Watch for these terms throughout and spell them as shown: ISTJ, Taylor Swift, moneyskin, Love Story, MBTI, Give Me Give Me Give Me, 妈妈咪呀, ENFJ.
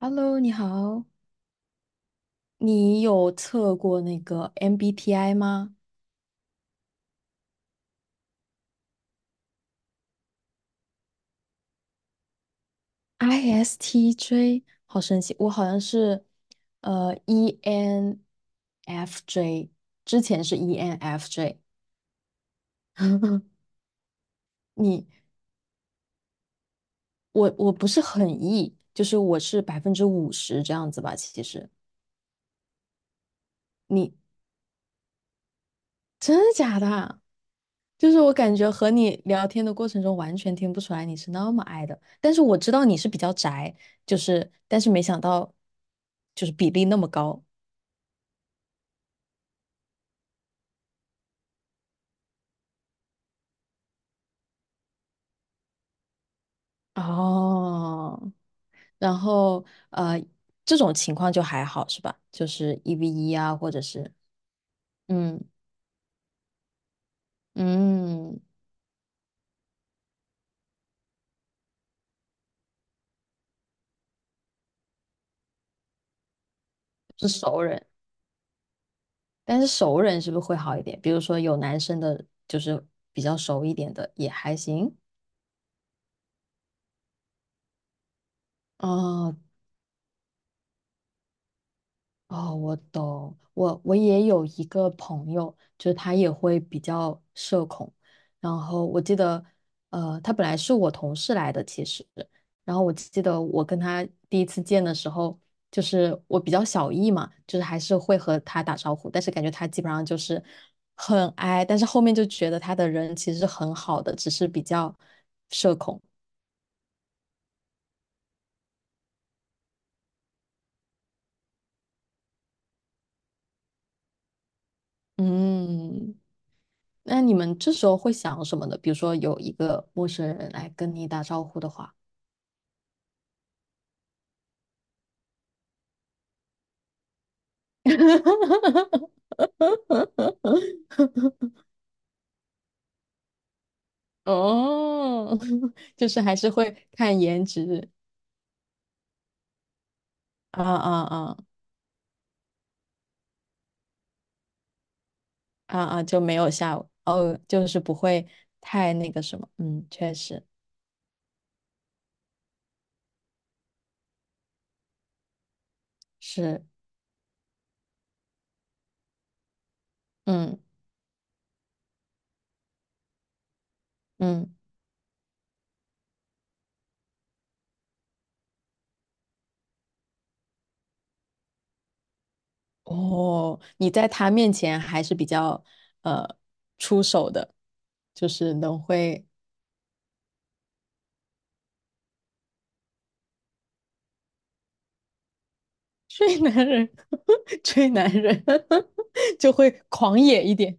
Hello，你好，你有测过那个 MBTI 吗？ISTJ，好神奇，我好像是ENFJ，之前是 ENFJ，你我不是很 E，就是我是百分之五十这样子吧，其实你真的假的啊？就是我感觉和你聊天的过程中，完全听不出来你是那么爱的，但是我知道你是比较宅，就是，但是没想到，就是比例那么高。哦，然后呃，这种情况就还好是吧？就是一 v 一啊，或者是嗯嗯，是熟人，但是熟人是不是会好一点？比如说有男生的，就是比较熟一点的也还行。哦，哦，我懂。我也有一个朋友，就是他也会比较社恐。然后我记得，他本来是我同事来的，其实。然后我记得我跟他第一次见的时候，就是我比较小意嘛，就是还是会和他打招呼，但是感觉他基本上就是很 i，但是后面就觉得他的人其实很好的，只是比较社恐。嗯。那你们这时候会想什么呢？比如说有一个陌生人来跟你打招呼的话，哦，就是还是会看颜值啊啊啊啊啊，就没有下哦，就是不会太那个什么，嗯，确实是，嗯嗯，哦，你在他面前还是比较呃出手的，就是能会追男人，追男人 就会狂野一点。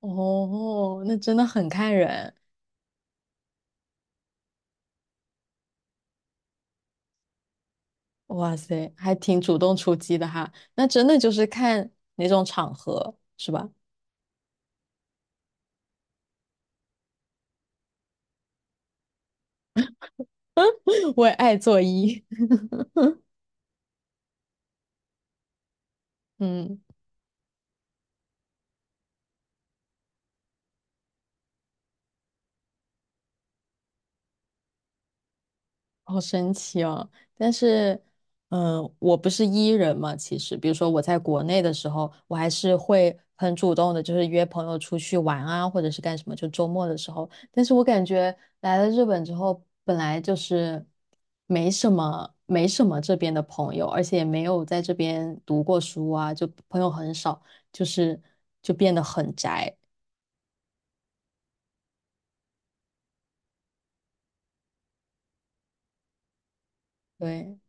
哦，那真的很看人，哇塞，还挺主动出击的哈。那真的就是看哪种场合，是吧？我也爱做揖，嗯。好神奇哦！但是，嗯、我不是 E 人嘛，其实，比如说我在国内的时候，我还是会很主动的，就是约朋友出去玩啊，或者是干什么，就周末的时候。但是我感觉来了日本之后，本来就是没什么这边的朋友，而且也没有在这边读过书啊，就朋友很少，就是就变得很宅。对，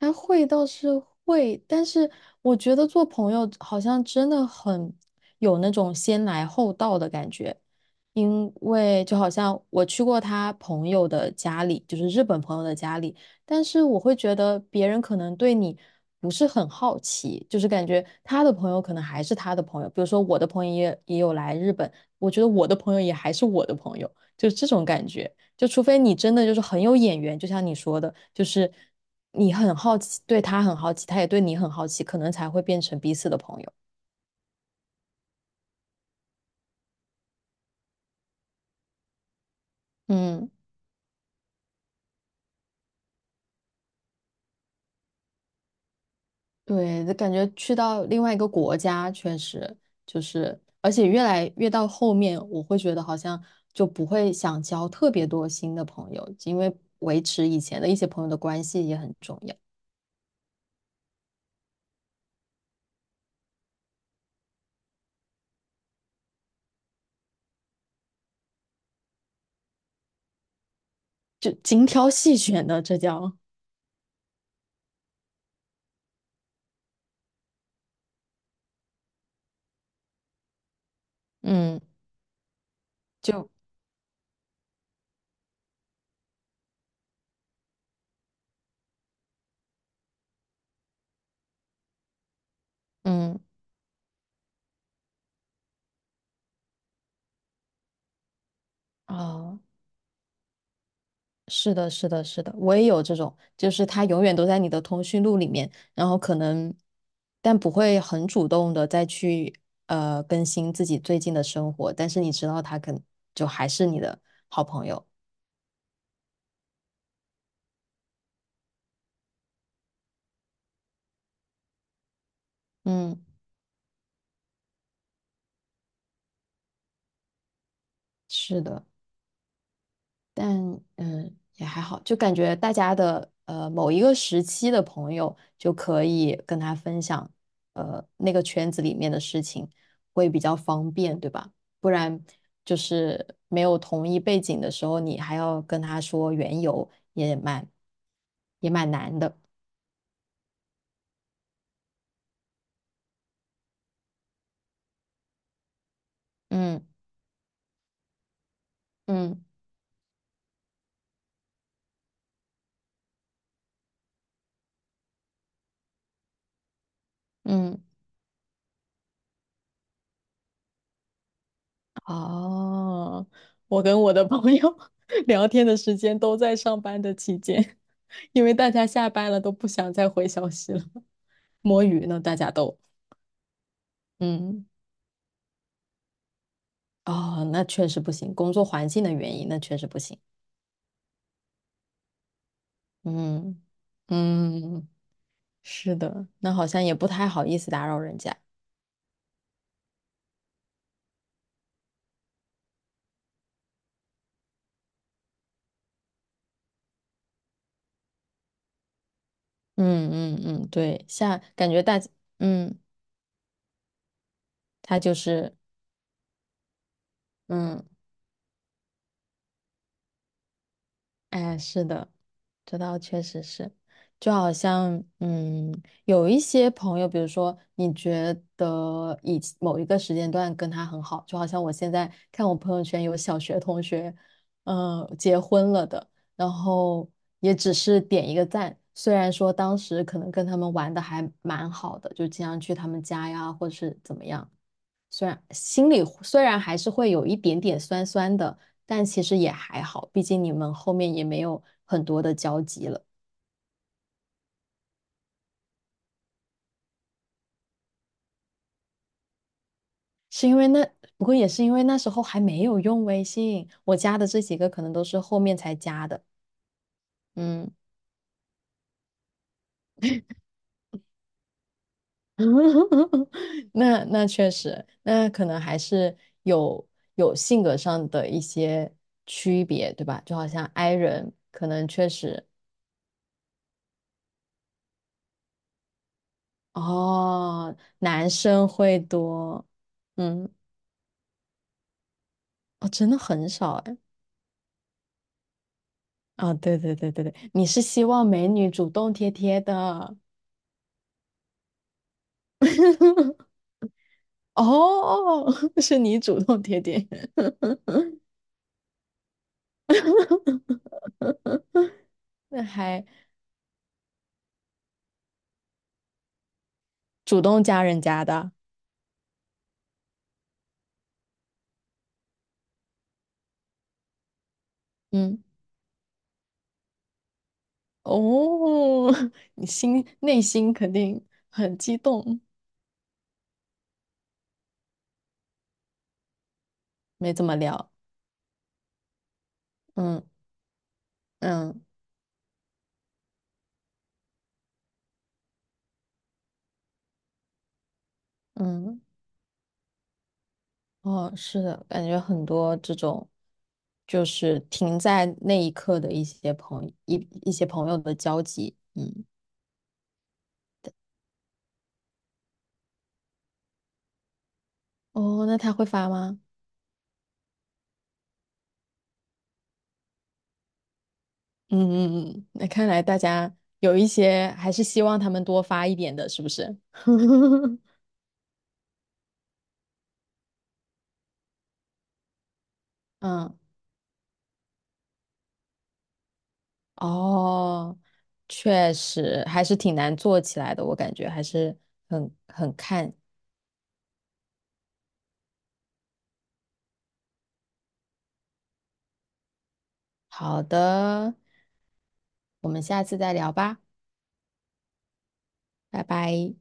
还会倒是会，但是我觉得做朋友好像真的很有那种先来后到的感觉，因为就好像我去过他朋友的家里，就是日本朋友的家里，但是我会觉得别人可能对你不是很好奇，就是感觉他的朋友可能还是他的朋友，比如说我的朋友也有来日本，我觉得我的朋友也还是我的朋友，就是这种感觉。就除非你真的就是很有眼缘，就像你说的，就是你很好奇，对他很好奇，他也对你很好奇，可能才会变成彼此的朋友。嗯，对，就感觉去到另外一个国家，确实就是，而且越来越到后面，我会觉得好像就不会想交特别多新的朋友，因为维持以前的一些朋友的关系也很重要，就精挑细选的，这叫。嗯嗯，啊。是的，是的，是的，我也有这种，就是他永远都在你的通讯录里面，然后可能，但不会很主动的再去更新自己最近的生活，但是你知道他可能就还是你的好朋友。嗯，是的。但嗯也还好，就感觉大家的某一个时期的朋友就可以跟他分享那个圈子里面的事情，会比较方便，对吧？不然就是没有同一背景的时候，你还要跟他说缘由，也蛮难的。嗯嗯嗯。哦，我跟我的朋友 聊天的时间都在上班的期间，因为大家下班了都不想再回消息了，摸鱼呢，大家都，嗯，哦，那确实不行，工作环境的原因，那确实不行，嗯嗯，是的，那好像也不太好意思打扰人家，嗯嗯嗯，对，像感觉大，嗯，他就是，嗯。哎，是的，这倒确实是，就好像，嗯，有一些朋友，比如说你觉得以前某一个时间段跟他很好，就好像我现在看我朋友圈有小学同学，嗯、结婚了的，然后也只是点一个赞，虽然说当时可能跟他们玩的还蛮好的，就经常去他们家呀，或是怎么样。虽然心里虽然还是会有一点点酸酸的，但其实也还好，毕竟你们后面也没有很多的交集了。是因为那，不过也是因为那时候还没有用微信，我加的这几个可能都是后面才加的。嗯，那确实，那可能还是有有性格上的一些区别，对吧？就好像 i 人可能确实哦，男生会多，嗯。哦，真的很少哎。啊，对对对对对，你是希望美女主动贴贴的。哦，是你主动贴贴，那还主动加人家的。嗯，哦，你心内心肯定很激动，没怎么聊。嗯嗯嗯，哦，是的，感觉很多这种就是停在那一刻的一些朋友的交集。嗯，哦，那他会发吗？嗯嗯嗯，那看来大家有一些还是希望他们多发一点的，是不是？嗯，哦，确实还是挺难做起来的，我感觉还是很很看。好的，我们下次再聊吧，拜拜。